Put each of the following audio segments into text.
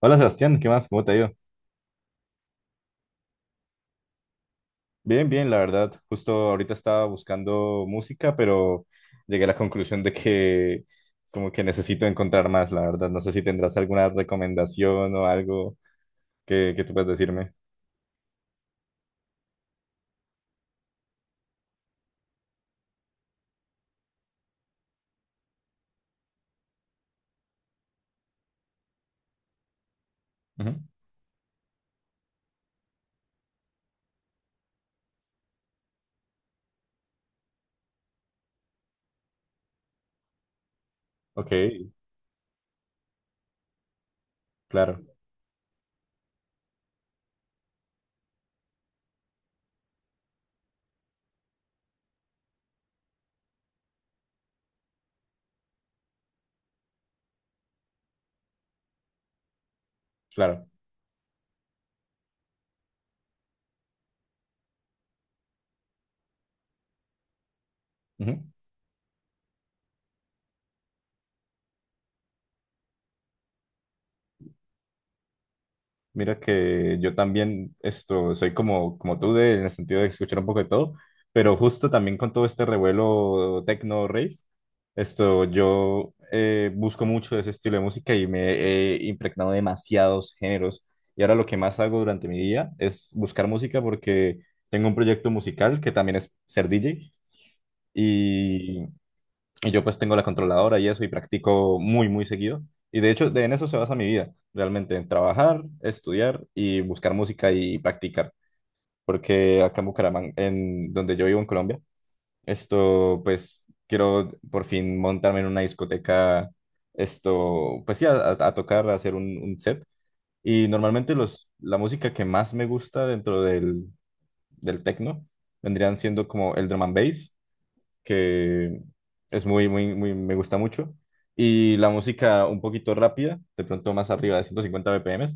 Hola Sebastián, ¿qué más? ¿Cómo te ha ido? Bien, bien, la verdad. Justo ahorita estaba buscando música, pero llegué a la conclusión de que como que necesito encontrar más, la verdad. No sé si tendrás alguna recomendación o algo que tú puedas decirme. Ujú. Ok, claro, claro. Ujú. Mira que yo también soy como, como tú en el sentido de escuchar un poco de todo, pero justo también con todo este revuelo techno rave. Yo busco mucho ese estilo de música y me he impregnado de demasiados géneros. Y ahora lo que más hago durante mi día es buscar música porque tengo un proyecto musical que también es ser DJ y, y yo pues tengo la controladora y eso y practico muy, muy seguido. Y de hecho, en eso se basa mi vida, realmente, en trabajar, estudiar y buscar música y practicar. Porque acá en Bucaramanga, en donde yo vivo en Colombia, pues, quiero por fin montarme en una discoteca, pues sí, a tocar, a hacer un set. Y normalmente la música que más me gusta dentro del techno vendrían siendo como el drum and bass, que es muy, muy, muy, me gusta mucho. Y la música un poquito rápida, de pronto más arriba de 150 BPMs,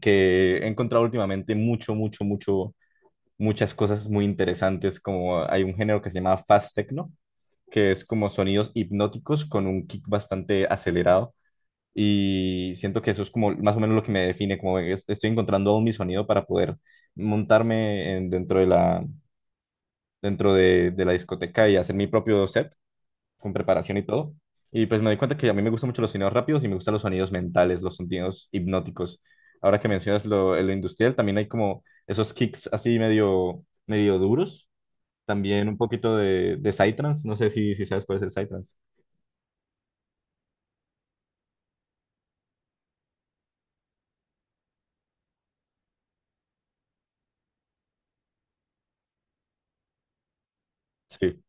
que he encontrado últimamente mucho, mucho, mucho, muchas cosas muy interesantes, como hay un género que se llama fast techno que es como sonidos hipnóticos con un kick bastante acelerado. Y siento que eso es como más o menos lo que me define, como que estoy encontrando aún mi sonido para poder dentro de la, dentro de la discoteca y hacer mi propio set con preparación y todo. Y pues me doy cuenta que a mí me gustan mucho los sonidos rápidos y me gustan los sonidos mentales, los sonidos hipnóticos. Ahora que mencionas lo industrial, también hay como esos kicks así medio, medio duros. También un poquito de psytrance. No sé si sabes cuál es el psytrance. Sí.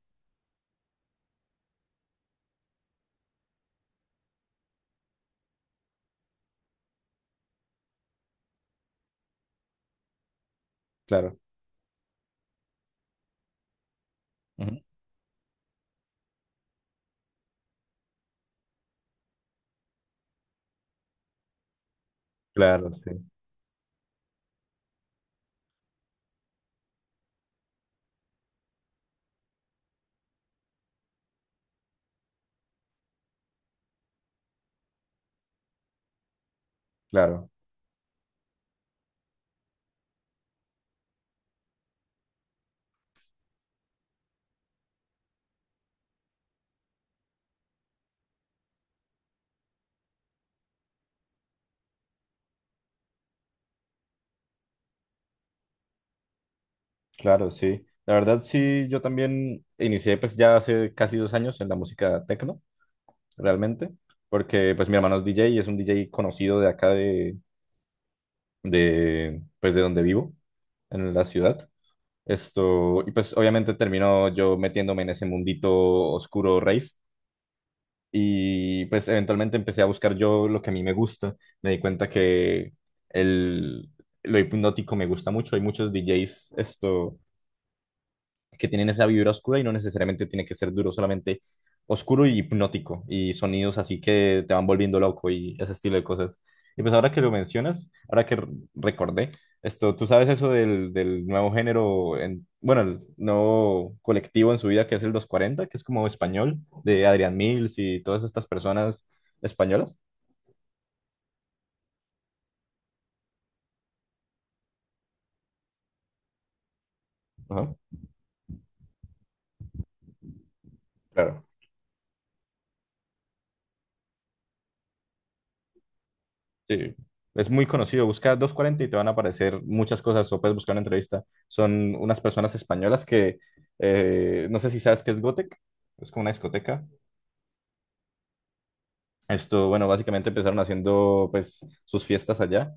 Claro. Ujú. Claro, sí, claro, claro, sí. La verdad, sí, yo también inicié pues ya hace casi dos años en la música tecno, realmente, porque pues mi hermano es DJ y es un DJ conocido de acá de pues de donde vivo, en la ciudad. Y pues obviamente terminó yo metiéndome en ese mundito oscuro rave y pues eventualmente empecé a buscar yo lo que a mí me gusta. Me di cuenta que el, lo hipnótico me gusta mucho. Hay muchos DJs esto que tienen esa vibra oscura y no necesariamente tiene que ser duro, solamente oscuro y hipnótico y sonidos así que te van volviendo loco y ese estilo de cosas. Y pues ahora que lo mencionas, ahora recordé tú sabes eso del nuevo género, bueno, el nuevo colectivo en su vida que es el doscientos cuarenta que es como español, de Adrián Mills y todas estas personas españolas. Ajá, claro. Sí, es muy conocido. Busca dos cuarenta y te van a aparecer muchas cosas o puedes buscar una entrevista. Son unas personas españolas que no sé si sabes qué es Gotek. Es como una discoteca. Bueno, básicamente empezaron haciendo pues sus fiestas allá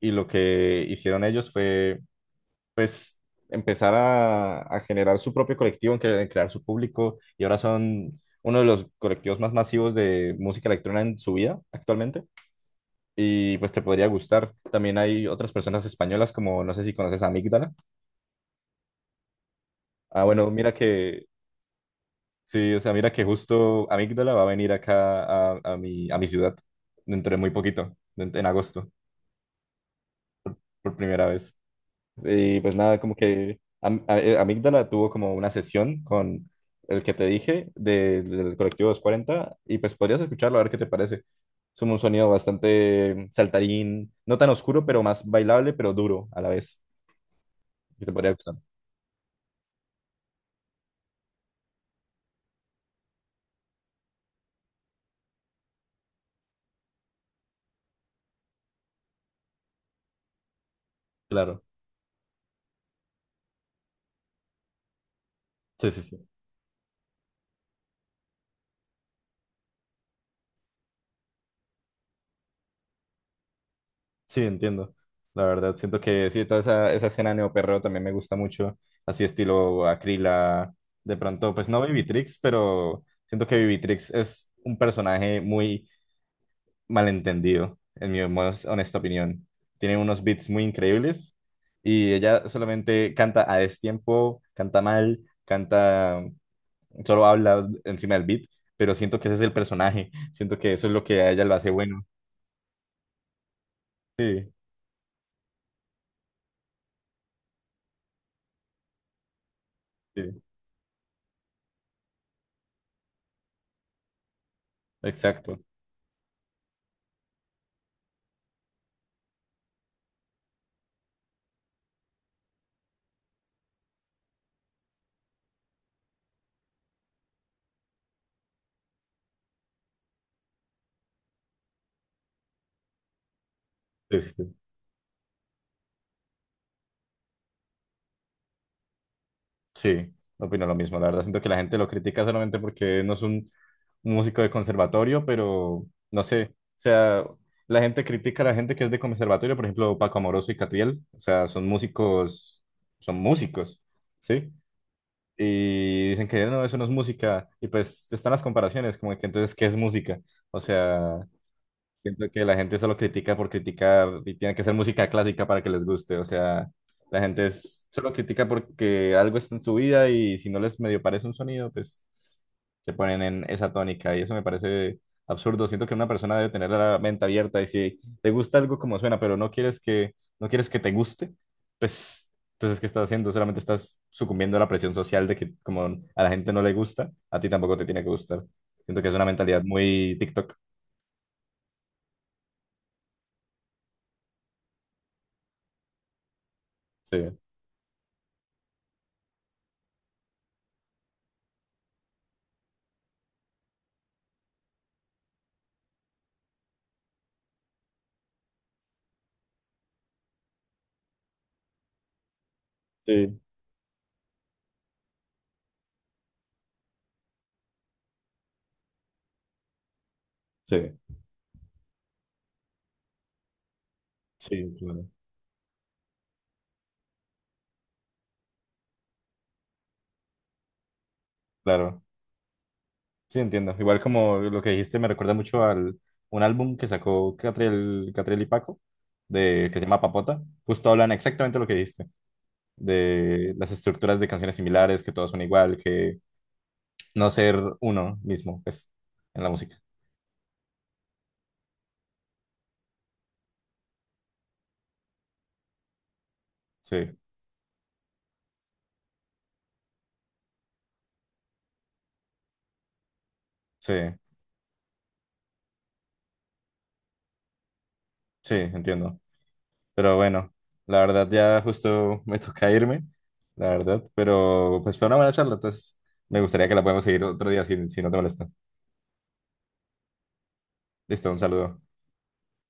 y lo que hicieron ellos fue pues empezar a generar su propio colectivo, en crear su público y ahora son uno de los colectivos más masivos de música electrónica en su vida actualmente. Y pues te podría gustar. También hay otras personas españolas como, no sé si conoces a Amígdala. Ah, bueno, mira que, sí, o sea, mira que justo Amígdala va a venir acá a mi ciudad dentro de muy poquito, en agosto, por primera vez. Y pues nada, como que Amígdala tuvo como una sesión con el que te dije del colectivo 240 y pues podrías escucharlo a ver qué te parece. Es un sonido bastante saltarín, no tan oscuro, pero más bailable, pero duro a la vez. ¿Qué te podría gustar? Claro, sí, sí, sí, sí, entiendo. La verdad, siento que sí, toda esa escena neoperreo también me gusta mucho, así estilo Acrila, de pronto, pues no Vivitrix, pero siento que Vivitrix es un personaje muy malentendido, en mi más honesta opinión. Tiene unos beats muy increíbles y ella solamente canta a destiempo, canta mal, canta, solo habla encima del beat, pero siento que ese es el personaje, siento que eso es lo que a ella lo hace bueno. Sí, sí, exacto. Sí, sí, sí, sí, opino lo mismo. La verdad, siento que la gente lo critica solamente porque no es un músico de conservatorio, pero no sé. O sea, la gente critica a la gente que es de conservatorio, por ejemplo, Paco Amoroso y Catriel. O sea, son músicos, ¿sí? Y dicen que no, eso no es música. Y pues están las comparaciones, como que entonces, ¿qué es música? O sea. Siento que la gente solo critica por criticar y tiene que ser música clásica para que les guste. O sea, la gente solo critica porque algo está en su vida y si no les medio parece un sonido, pues se ponen en esa tónica y eso me parece absurdo. Siento que una persona debe tener la mente abierta y si te gusta algo como suena, pero no quieres que, no quieres que te guste, pues entonces ¿qué estás haciendo? Solamente estás sucumbiendo a la presión social de que como a la gente no le gusta, a ti tampoco te tiene que gustar. Siento que es una mentalidad muy TikTok. Sí. Sí. Sí, sí, claro. Claro, sí, entiendo. Igual como lo que dijiste me recuerda mucho al un álbum que sacó Catriel, Catriel y Paco, de, que se llama Papota. Justo hablan exactamente lo que dijiste, de las estructuras de canciones similares, que todas son igual, que no ser uno mismo, pues, en la música. Sí, sí, sí, entiendo. Pero bueno, la verdad ya justo me toca irme, la verdad. Pero pues fue una buena charla, entonces me gustaría que la podamos seguir otro día si, si no te molesta. Listo, un saludo.